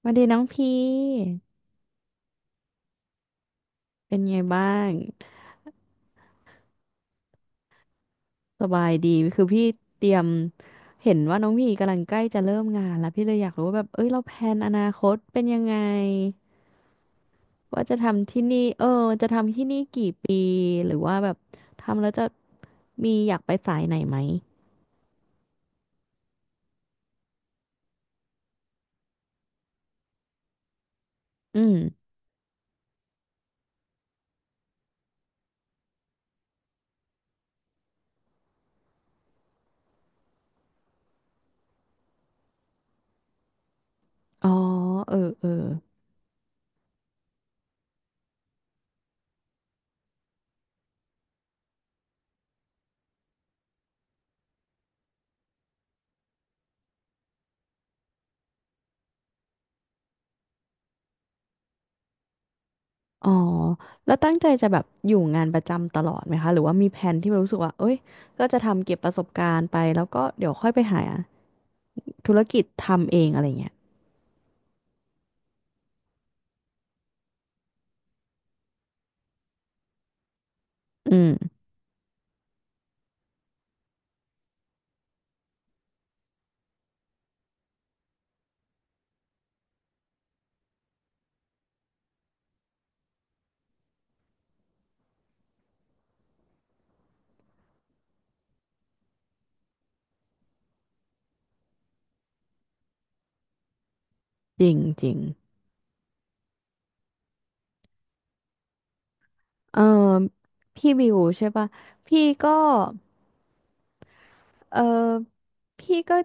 สวัสดีน้องพี่เป็นไงบ้างสบายดี คือพี่เตรียมเห็นว่าน้องพี่กำลังใกล้จะเริ่มงานแล้วพี่เลยอยากรู้ว่าแบบเอ้ยเราแพลนอนาคตเป็นยังไงว่าจะทำที่นี่กี่ปีหรือว่าแบบทำแล้วจะมีอยากไปสายไหนไหมอืมอ๋อเออเอออ๋อแล้วตั้งใจจะแบบอยู่งานประจำตลอดไหมคะหรือว่ามีแผนที่รู้สึกว่าเอ้ยก็จะทำเก็บประสบการณ์ไป แล้วก็เดี๋ยวค่อยไปหาธุรกิจทำเองอะไรเงี้ย อืมจริงจริงเออพี่บิวใช่ปะพี่ก็เออพี่ก็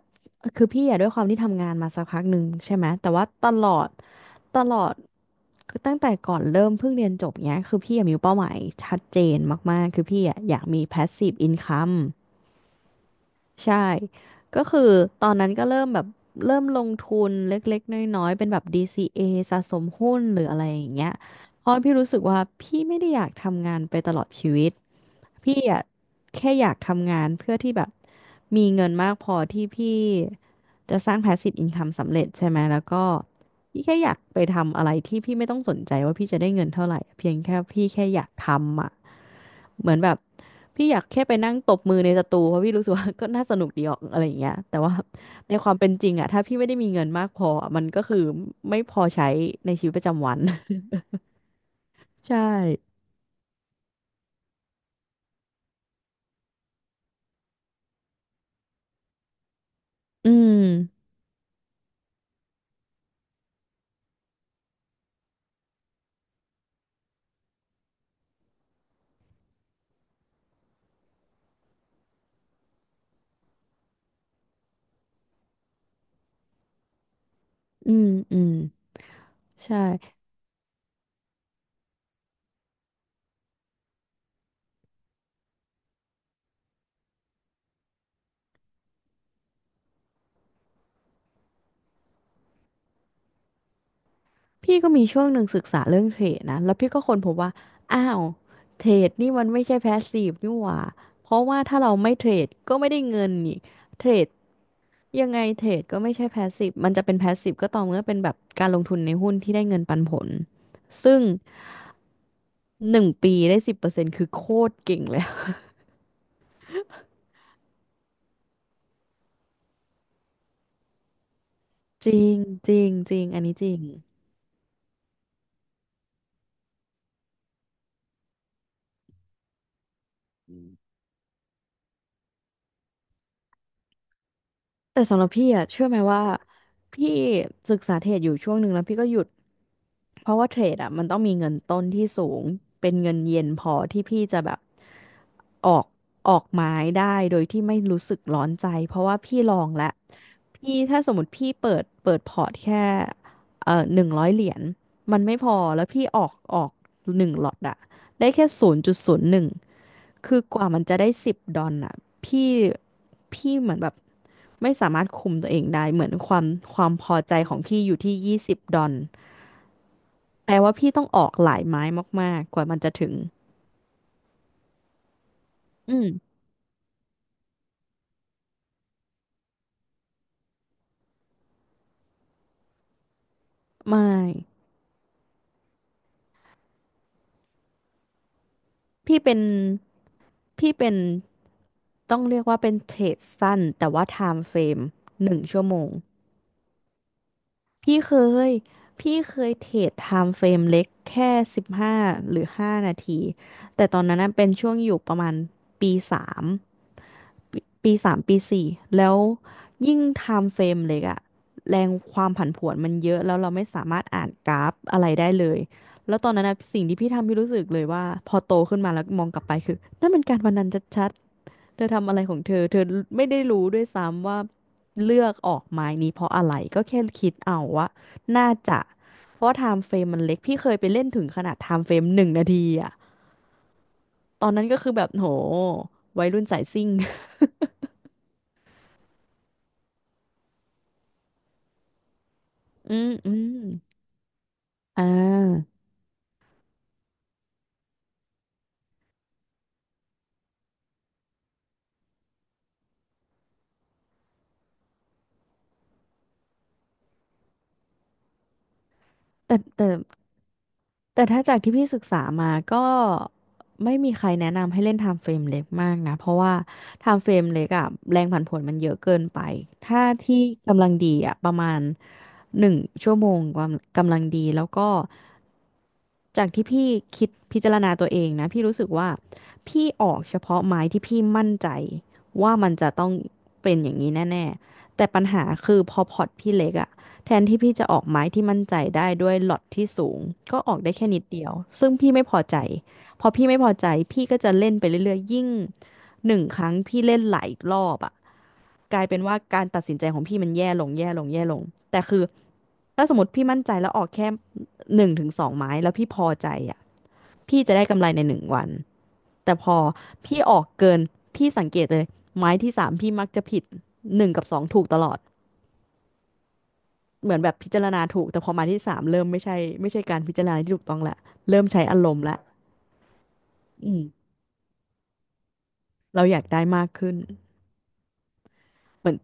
คือพี่อะด้วยความที่ทำงานมาสักพักหนึ่งใช่ไหมแต่ว่าตลอดคือตั้งแต่ก่อนเริ่มเพิ่งเรียนจบเนี้ยคือพี่อะมีเป้าหมายชัดเจนมากๆคือพี่อะอยากมี passive income ใช่ ก็คือตอนนั้นก็เริ่มลงทุนเล็กๆน้อยๆเป็นแบบ DCA สะสมหุ้นหรืออะไรอย่างเงี้ยเพราะพี่รู้สึกว่าพี่ไม่ได้อยากทำงานไปตลอดชีวิต พี่อะแค่อยากทำงานเพื่อที่แบบมีเงินมากพอที่พี่จะสร้าง passive income สำเร็จใช่ไหม แล้วก็พี่แค่อยากไปทำอะไรที่พี่ไม่ต้องสนใจว่าพี่จะได้เงินเท่าไหร่เพียงแค่พี่แค่อยากทำอ่ะ เหมือนแบบพี่อยากแค่ไปนั่งตบมือในสตูเพราะพี่รู้สึกว่า ก็น่าสนุกดีออกอะไรอย่างเงี้ยแต่ว่าในความเป็นจริงอะถ้าพี่ไม่ได้มีเงินมากพออะมันก็คือไม่พอใช้ในชีวิตประจำวัน ใช่ อืม อืม อืม ใช่ พี่ก็มีช่วงหนึ่งศึกษาเรื่องเทรดนะแล้วพี่ก็ค้นพบว่าอ้าวเทรดนี่มันไม่ใช่แพสซีฟนี่หว่าเพราะว่าถ้าเราไม่เทรดก็ไม่ได้เงินนี่เทรดยังไงเทรดก็ไม่ใช่แพสซีฟมันจะเป็นแพสซีฟก็ต่อเมื่อเป็นแบบการลงทุนในหุ้นที่ได้เงินปันผลซึ่ง1 ปีได้10%คือโคตรเก่งเลว จริงจริงจริงอันนี้จริงแต่สำหรับพี่อะเชื่อไหมว่าพี่ศึกษาเทรดอยู่ช่วงหนึ่งแล้วพี่ก็หยุด เพราะว่าเทรดอ่ะมันต้องมีเงินต้นที่สูงเป็นเงินเย็นพอที่พี่จะแบบออกออกไม้ได้โดยที่ไม่รู้สึกร้อนใจเพราะว่าพี่ลองแล้วพี่ถ้าสมมติพี่เปิดพอร์ตแค่100 เหรียญมันไม่พอแล้วพี่ออกหนึ่งหลอตอะได้แค่0.01คือกว่ามันจะได้สิบดอลอะพี่พี่เหมือนแบบไม่สามารถคุมตัวเองได้เหมือนความพอใจของพี่อยู่ที่20 ดอล แปลว่าพี่ต้องออกหลายไม้มากๆกว่ามันจะถึง อืม ไม่ พี่เป็น พี่เป็นต้องเรียกว่าเป็นเทรดสั้นแต่ว่าไทม์เฟรมหนึ่งชั่วโมง พี่เคย พี่เคยเทรดไทม์เฟรมเล็กแค่15 หรือ 5 นาทีแต่ตอนนั้นน่ะเป็นช่วงอยู่ประมาณปีสาม ปีปีสามปีสี่แล้วยิ่งไทม์เฟรมเล็กอะแรงความผันผวนมันเยอะแล้วเราไม่สามารถอ่านกราฟอะไรได้เลยแล้วตอนนั้นนะสิ่งที่พี่ทำพี่รู้สึกเลยว่าพอโตขึ้นมาแล้วมองกลับไปคือนั่นมันการพนันชัดๆเธอทำอะไรของเธอเธอไม่ได้รู้ด้วยซ้ำว่าเลือกออกไม้นี้เพราะอะไรก็แค่คิดเอาว่าน่าจะเพราะไทม์เฟรมมันเล็กพี่เคยไปเล่นถึงขนาดไทม์เฟรม1 นาทีอะตอนนั้นก็คือแบบโหวัยรุ่นสายซิ่ง อืมอืม อ่าแต่แต่แต่ถ้าจากที่พี่ศึกษามาก็ไม่มีใครแนะนำให้เล่นไทม์เฟรมเล็กมากนะเพราะว่าไทม์เฟรมเล็กอะแรงผันผวนมันเยอะเกินไปถ้าที่กำลังดีอะประมาณหนึ่งชั่วโมงกำลังดีแล้วก็จากที่พี่คิดพิจารณาตัวเองนะพี่รู้สึกว่าพี่ออกเฉพาะไม้ที่พี่มั่นใจว่ามันจะต้องเป็นอย่างนี้แน่ๆแต่ปัญหาคือพอพอร์ตพี่เล็กอะ แทนที่พี่จะออกไม้ที่มั่นใจได้ด้วยล็อตที่สูงก็ออกได้แค่นิดเดียวซึ่งพี่ไม่พอใจพอพี่ไม่พอใจพี่ก็จะเล่นไปเรื่อยๆยิ่งหนึ่งครั้งพี่เล่นหลายรอบอ่ะกลายเป็นว่าการตัดสินใจของพี่มันแย่ลงแย่ลงแย่ลงแต่คือถ้าสมมติพี่มั่นใจแล้วออกแค่หนึ่งถึงสองไม้แล้วพี่พอใจอ่ะพี่จะได้กำไรในหนึ่งวันแต่พอพี่ออกเกินพี่สังเกตเลยไม้ที่สามพี่มักจะผิดหนึ่งกับสองถูกตลอด เหมือนแบบพิจารณาถูกแต่พอมาที่สามเริ่มไม่ใช่ไม่ใช่การพิจารณาที่ถูกต้องละเริ่มใช้อารมณ์ละอืมเราอยากได้มากขึ้นเหมือน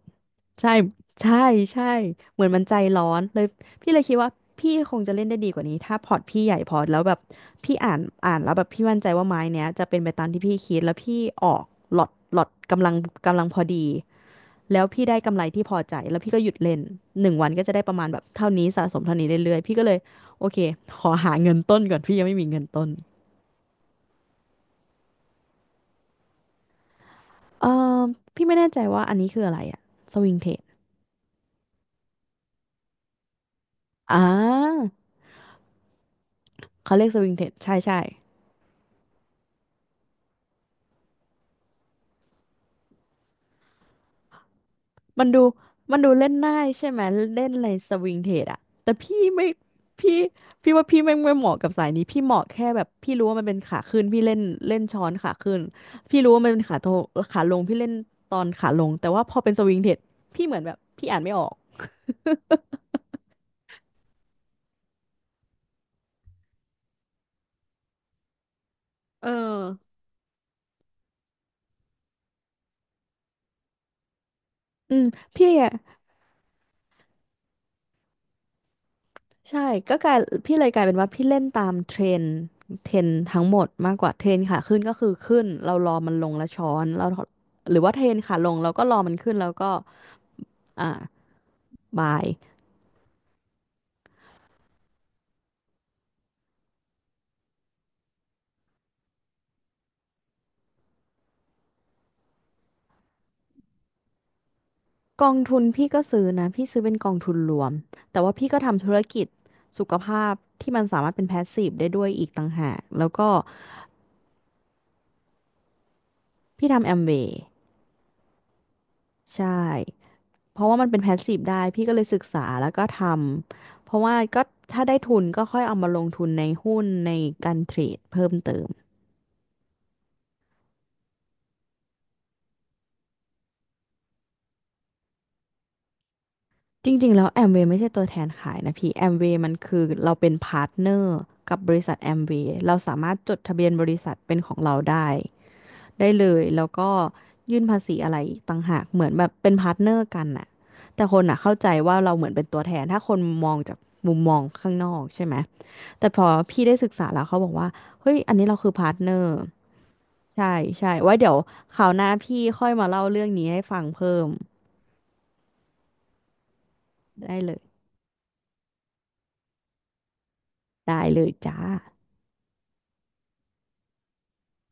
ใช่ใช่ใช่เหมือนมันใจร้อนเลยพี่เลยคิดว่าพี่คงจะเล่นได้ดีกว่านี้ถ้าพอร์ตพี่ใหญ่พอแล้วแบบพี่อ่านแล้วแบบพี่มั่นใจว่าไม้เนี้ยจะเป็นไปตามที่พี่คิดแล้วพี่ออกหลอดกำลังพอดี แล้วพี่ได้กำไรที่พอใจแล้วพี่ก็หยุดเล่นหนึ่งวันก็จะได้ประมาณแบบเท่านี้สะสมเท่านี้เรื่อยๆพี่ก็เลยโอเคขอหาเงินต้นก่อนพี่ยังไม่มีเงินต้นเออพี่ไม่แน่ใจว่าอันนี้คืออะไรอะสวิงเทรดอ่าเขาเรียกสวิงเทรดใช่ใช่ มันดูมันดูเล่นง่ายใช่ไหมเล่นอะไรสวิงเทรดอะแต่พี่ไม่พี่ว่าพี่ไม่เหมาะกับสายนี้พี่เหมาะแค่แบบพี่รู้ว่ามันเป็นขาขึ้นพี่เล่นเล่นช้อนขาขึ้นพี่รู้ว่ามันเป็นขาโทขาลงพี่เล่นตอนขาลงแต่ว่าพอเป็นสวิงเทรดพี่เหมือนแบบพี่อ่านไม่ออกเอออืมพี่อะใช่ก็กลายพี่เลยกลายเป็นว่าพี่เล่นตามเทรนเทรนทั้งหมดมากกว่าเทรนขาขึ้นก็คือขึ้นเรารอมันลงแล้วช้อนเราหรือว่าเทรนขาลงเราก็รอมันขึ้นแล้วก็อ่า บายกองทุนพี่ก็ซื้อนะพี่ซื้อเป็นกองทุนรวมแต่ว่าพี่ก็ทำธุรกิจสุขภาพที่มันสามารถเป็นแพสซีฟได้ด้วยอีกต่างหากแล้วก็พี่ทำแอมเวย์ใช่เพราะว่ามันเป็นแพสซีฟได้พี่ก็เลยศึกษาแล้วก็ทำเพราะว่าก็ถ้าได้ทุนก็ค่อยเอามาลงทุนในหุ้นในการเทรดเพิ่มเติมจริงๆแล้วแอมเวย์ไม่ใช่ตัวแทนขายนะพี่แอมเวย์มันคือเราเป็นพาร์ทเนอร์กับบริษัทแอมเวย์เราสามารถจดทะเบียนบริษัทเป็นของเราได้ ได้เลยแล้วก็ยื่นภาษีอะไรอีกต่างหากเหมือนแบบเป็นพาร์ทเนอร์กันน่ะแต่คนอ่ะเข้าใจว่าเราเหมือนเป็นตัวแทนถ้าคนมองจากมุมมองข้างนอกใช่ไหมแต่พอพี่ได้ศึกษาแล้วเขาบอกว่าเฮ้ยอันนี้เราคือพาร์ทเนอร์ใช่ใช่ไว้เดี๋ยวคราวหน้าพี่ค่อยมาเล่าเรื่องนี้ให้ฟังเพิ่มได้เลยจ้า